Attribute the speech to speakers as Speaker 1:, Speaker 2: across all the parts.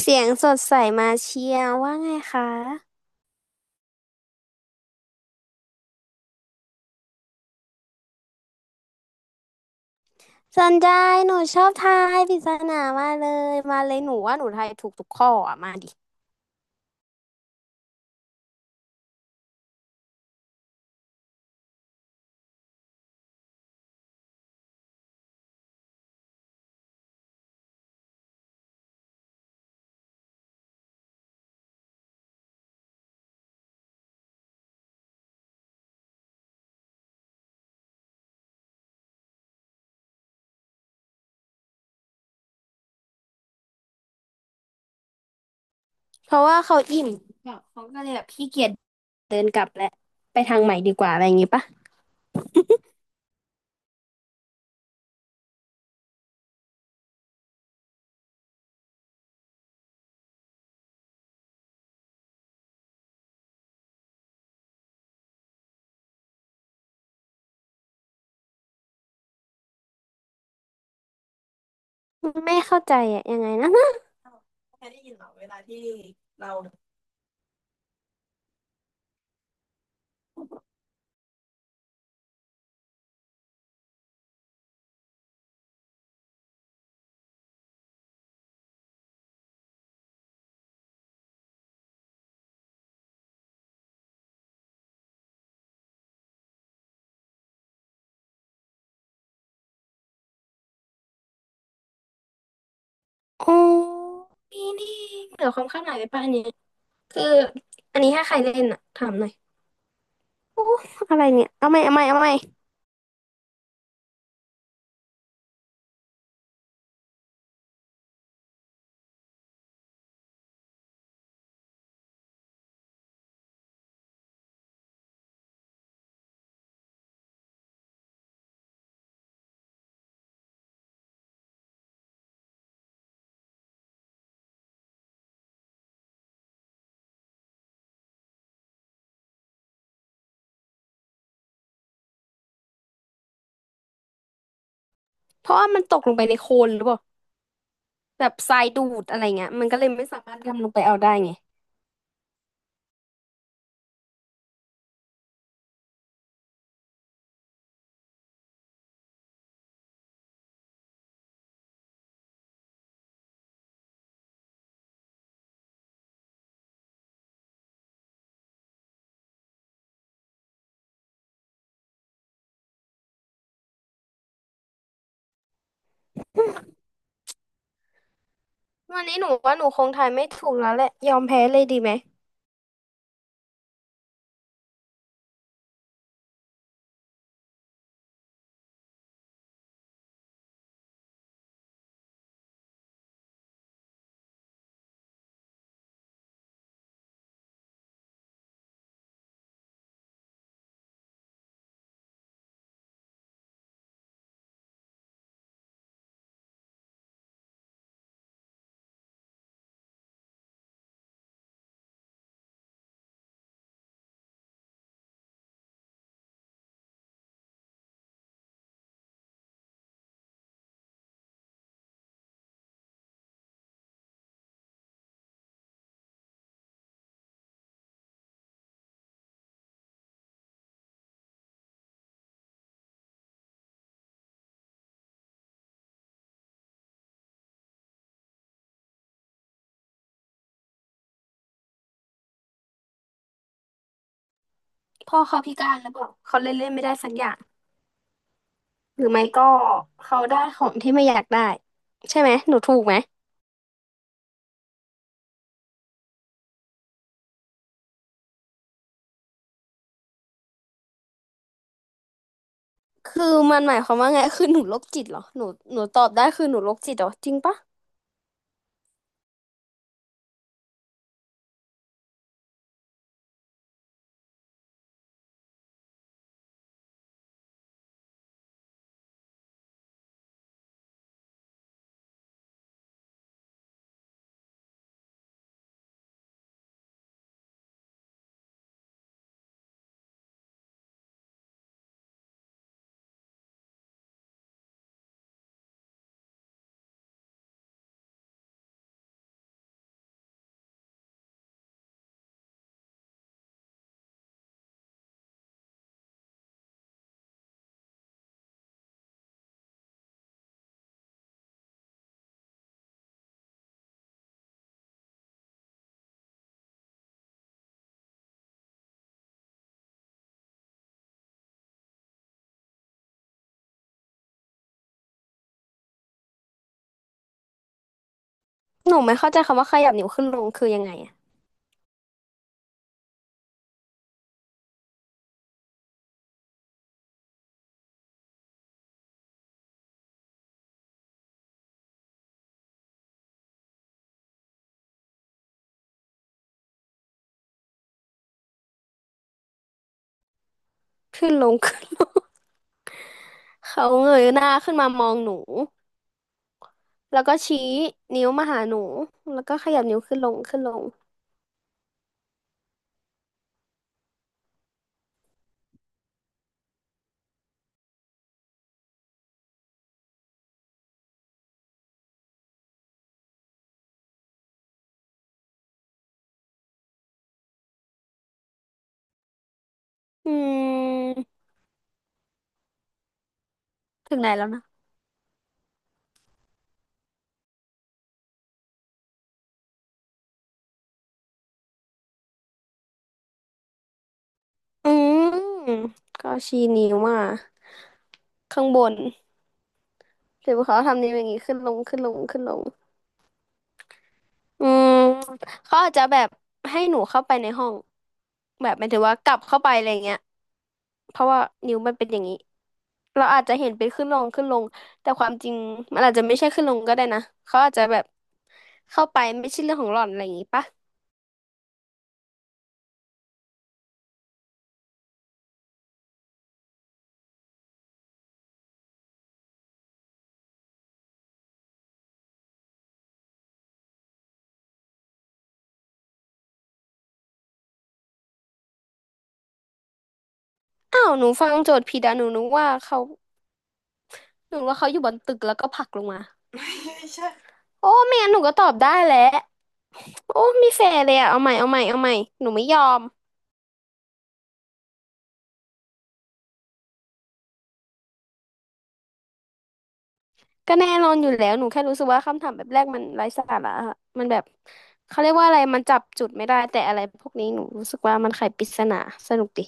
Speaker 1: เสียงสดใสมาเชียร์ว่าไงคะสนใจหนูชอบทายปริศนามากเลยมาเลยหนูว่าหนูทายถูกทุกข้ออ่ะมาดิเพราะว่าเขาอิ่มเขาก็เลยแบบขี้เกียจเดินกลับแหละไปทางใหม่ดีกว่าอะไรอย่างงี้ปะไม่เข้าใจอ่ะยังไงนะแค่ได้ยินเหรอเวลาที่เราโอ้นี่นี่เหนือความคาดหมายไปป่ะอันเนี้ยคืออันนี้ถ้าใครเล่นอ่ะถามหน่อยโอ้อะไรเนี่ยเอาไหมเอาไหมเอาไหมเพราะว่ามันตกลงไปในโคลนหรือเปล่า แบบทรายดูดอะไรเงี้ยมันก็เลยไม่สามารถดำลงไปเอาได้ไงวันนี้หนูว่าหนูคงทายไม่ถูกแล้วแหละยอมแพ้เลยดีไหมพ่อเขาพิการแล้วบอกเขาเล่นเล่นไม่ได้สักอย่างหรือไม่ก็เขาได้ของที่ไม่อยากได้ใช่ไหมหนูถูกไหมคือมันหมายความว่าไงคือหนูโรคจิตเหรอหนูหนูตอบได้คือหนูโรคจิตเหรอจริงปะหนูไม่เข้าใจคำว่าขยับนิ้วขึ้นลงคือยังไงอะขึ้นลงขึ้นลง เขาเงยหน้าขึ้นมามองหนูแล้วก็ชี้นิ้วมาหาหนูแล้วก็ขยับนิ้วขึ้นลงขึ้นลง อืมถึงไหนแล้วนะอืมก็ชี้นิ้วมาข้างบนหรือว่าเขาทำนิ้วอย่างงี้ขึ้นลงขึ้นลงขึ้นลงอืมเขาอาจจะแบบให้หนูเข้าไปในห้องแบบหมายถึงว่ากลับเข้าไปอะไรเงี้ยเพราะว่านิ้วมันเป็นอย่างนี้เราอาจจะเห็นเป็นขึ้นลงขึ้นลงแต่ความจริงมันอาจจะไม่ใช่ขึ้นลงก็ได้นะเขาอาจจะแบบเข้าไปไม่ใช่เรื่องของหล่อนอะไรอย่างงี้ปะอ้าวหนูฟังโจทย์ผิดอะหนูนึกว่าเขาหนูว่าเขาอยู่บนตึกแล้วก็ผลักลงมา โอ้ไม่งั้นหนูก็ตอบได้แหละโอ้ไม่แฟร์เลยอะเอาใหม่เอาใหม่เอาใหม่หนูไม่ยอมก็แน่นอนอยู่แล้วหนูแค่รู้สึกว่าคำถามแบบแรกมันไร้สาระอะมันแบบเขาเรียกว่าอะไรมันจับจุดไม่ได้แต่อะไรพวกนี้หนูรู้สึกว่ามันไขปริศนาสนุกดิ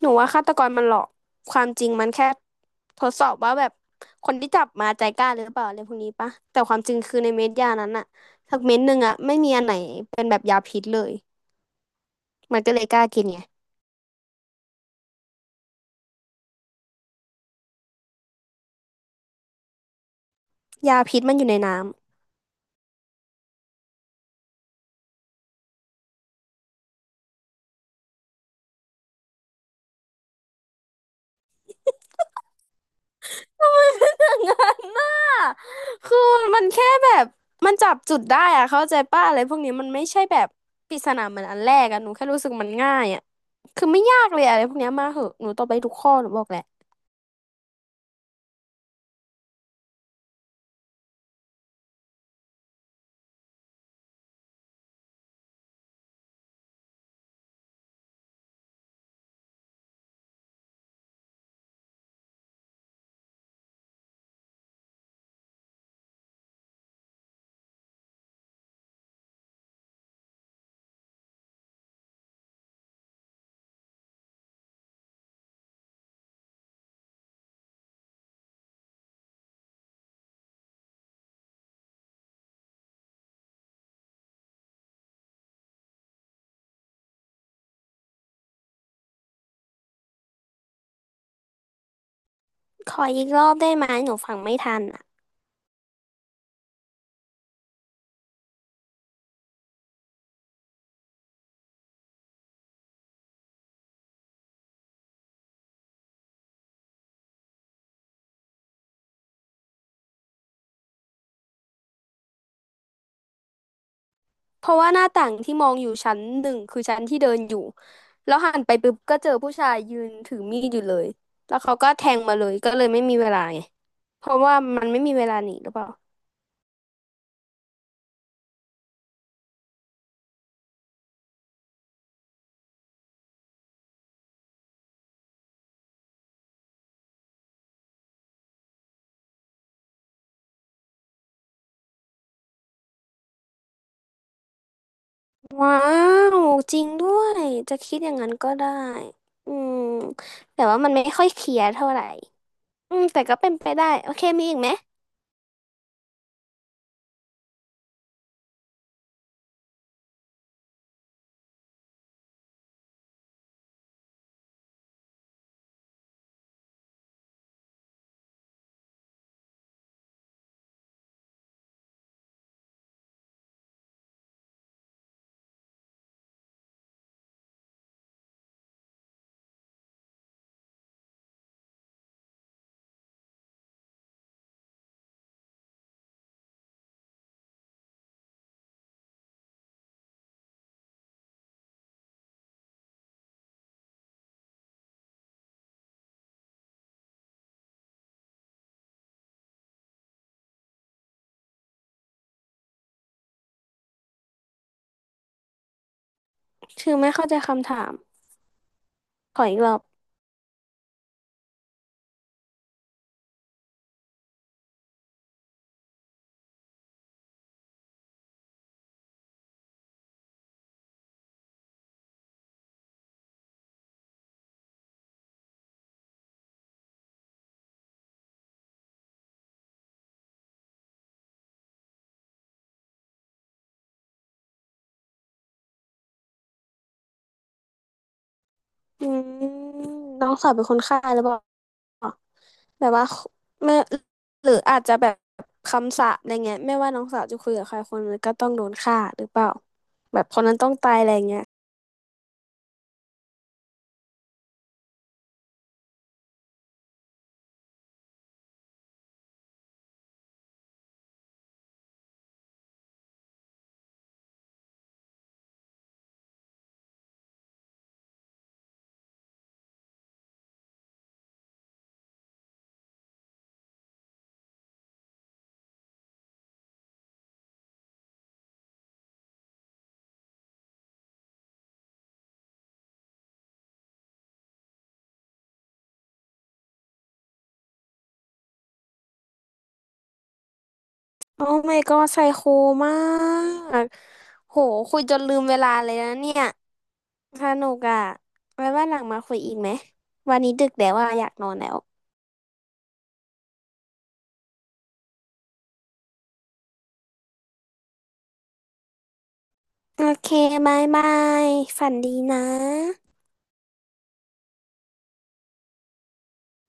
Speaker 1: หนูว่าฆาตกรมันหลอกความจริงมันแค่ทดสอบว่าแบบคนที่จับมาใจกล้าหรือเปล่าอะไรพวกนี้ปะแต่ความจริงคือในเม็ดยานั้นอะสักเม็ดหนึ่งอะไม่มีอันไหนเป็นแบบยาพิษเลยมันก็เลยกล้ากินไงยาพิษมันอยู่ในน้ำ อย่างนั้นน่ะคือมันแค่แบบมันจับจุดได้อะเข้าใจป้ะอะไรพวกนี้มันไม่ใช่แบบปริศนาเหมือนอันแรกอะหนูแค่รู้สึกมันง่ายอะคือไม่ยากเลยอะอะไรพวกเนี้ยมาเหอะหนูตอบไปทุกข้อหนูบอกแหละขออีกรอบได้ไหมหนูฟังไม่ทันอะเพราะว่าหน้าต่างที่มองอยู่ชั้นหนึ่งคือชั้นที่เดินอยู่แล้วหันไปปุ๊บก็เจอผู้ชายยืนถือมีดอยู่เลยแล้วเขาก็แทงมาเลยก็เลยไม่มีเวลาไงเพราะว่ามันไม่มีเวลาหนีหรือเปล่า ว้าวจริงด้วยจะคิดอย่างนั้นก็ได้อืมแต่ว่ามันไม่ค่อยเคลียร์เท่าไหร่อืมแต่ก็เป็นไปได้โอเคมีอีกไหมคือไม่เข้าใจคำถามขออีกรอบอืมน้องสาวเป็นคนฆ่าหรือเปล่าแบบว่าไม่หรืออาจจะแบบคำสาปอะไรเงี้ยไม่ว่าน้องสาวจะคุยกับใครคนนึงก็ต้องโดนฆ่าหรือเปล่าแบบคนนั้นต้องตายอะไรเงี้ย โอ้ my god ไซโคมาก โหคุยจนลืมเวลาเลยนะเนี่ยสนุกอ่ะไว้ว่าหลังมาคุยอีกไหมวันนี้ดึกแล้วว่าอะอยากนอนแล้วโอเคบายบายฝันดีนะ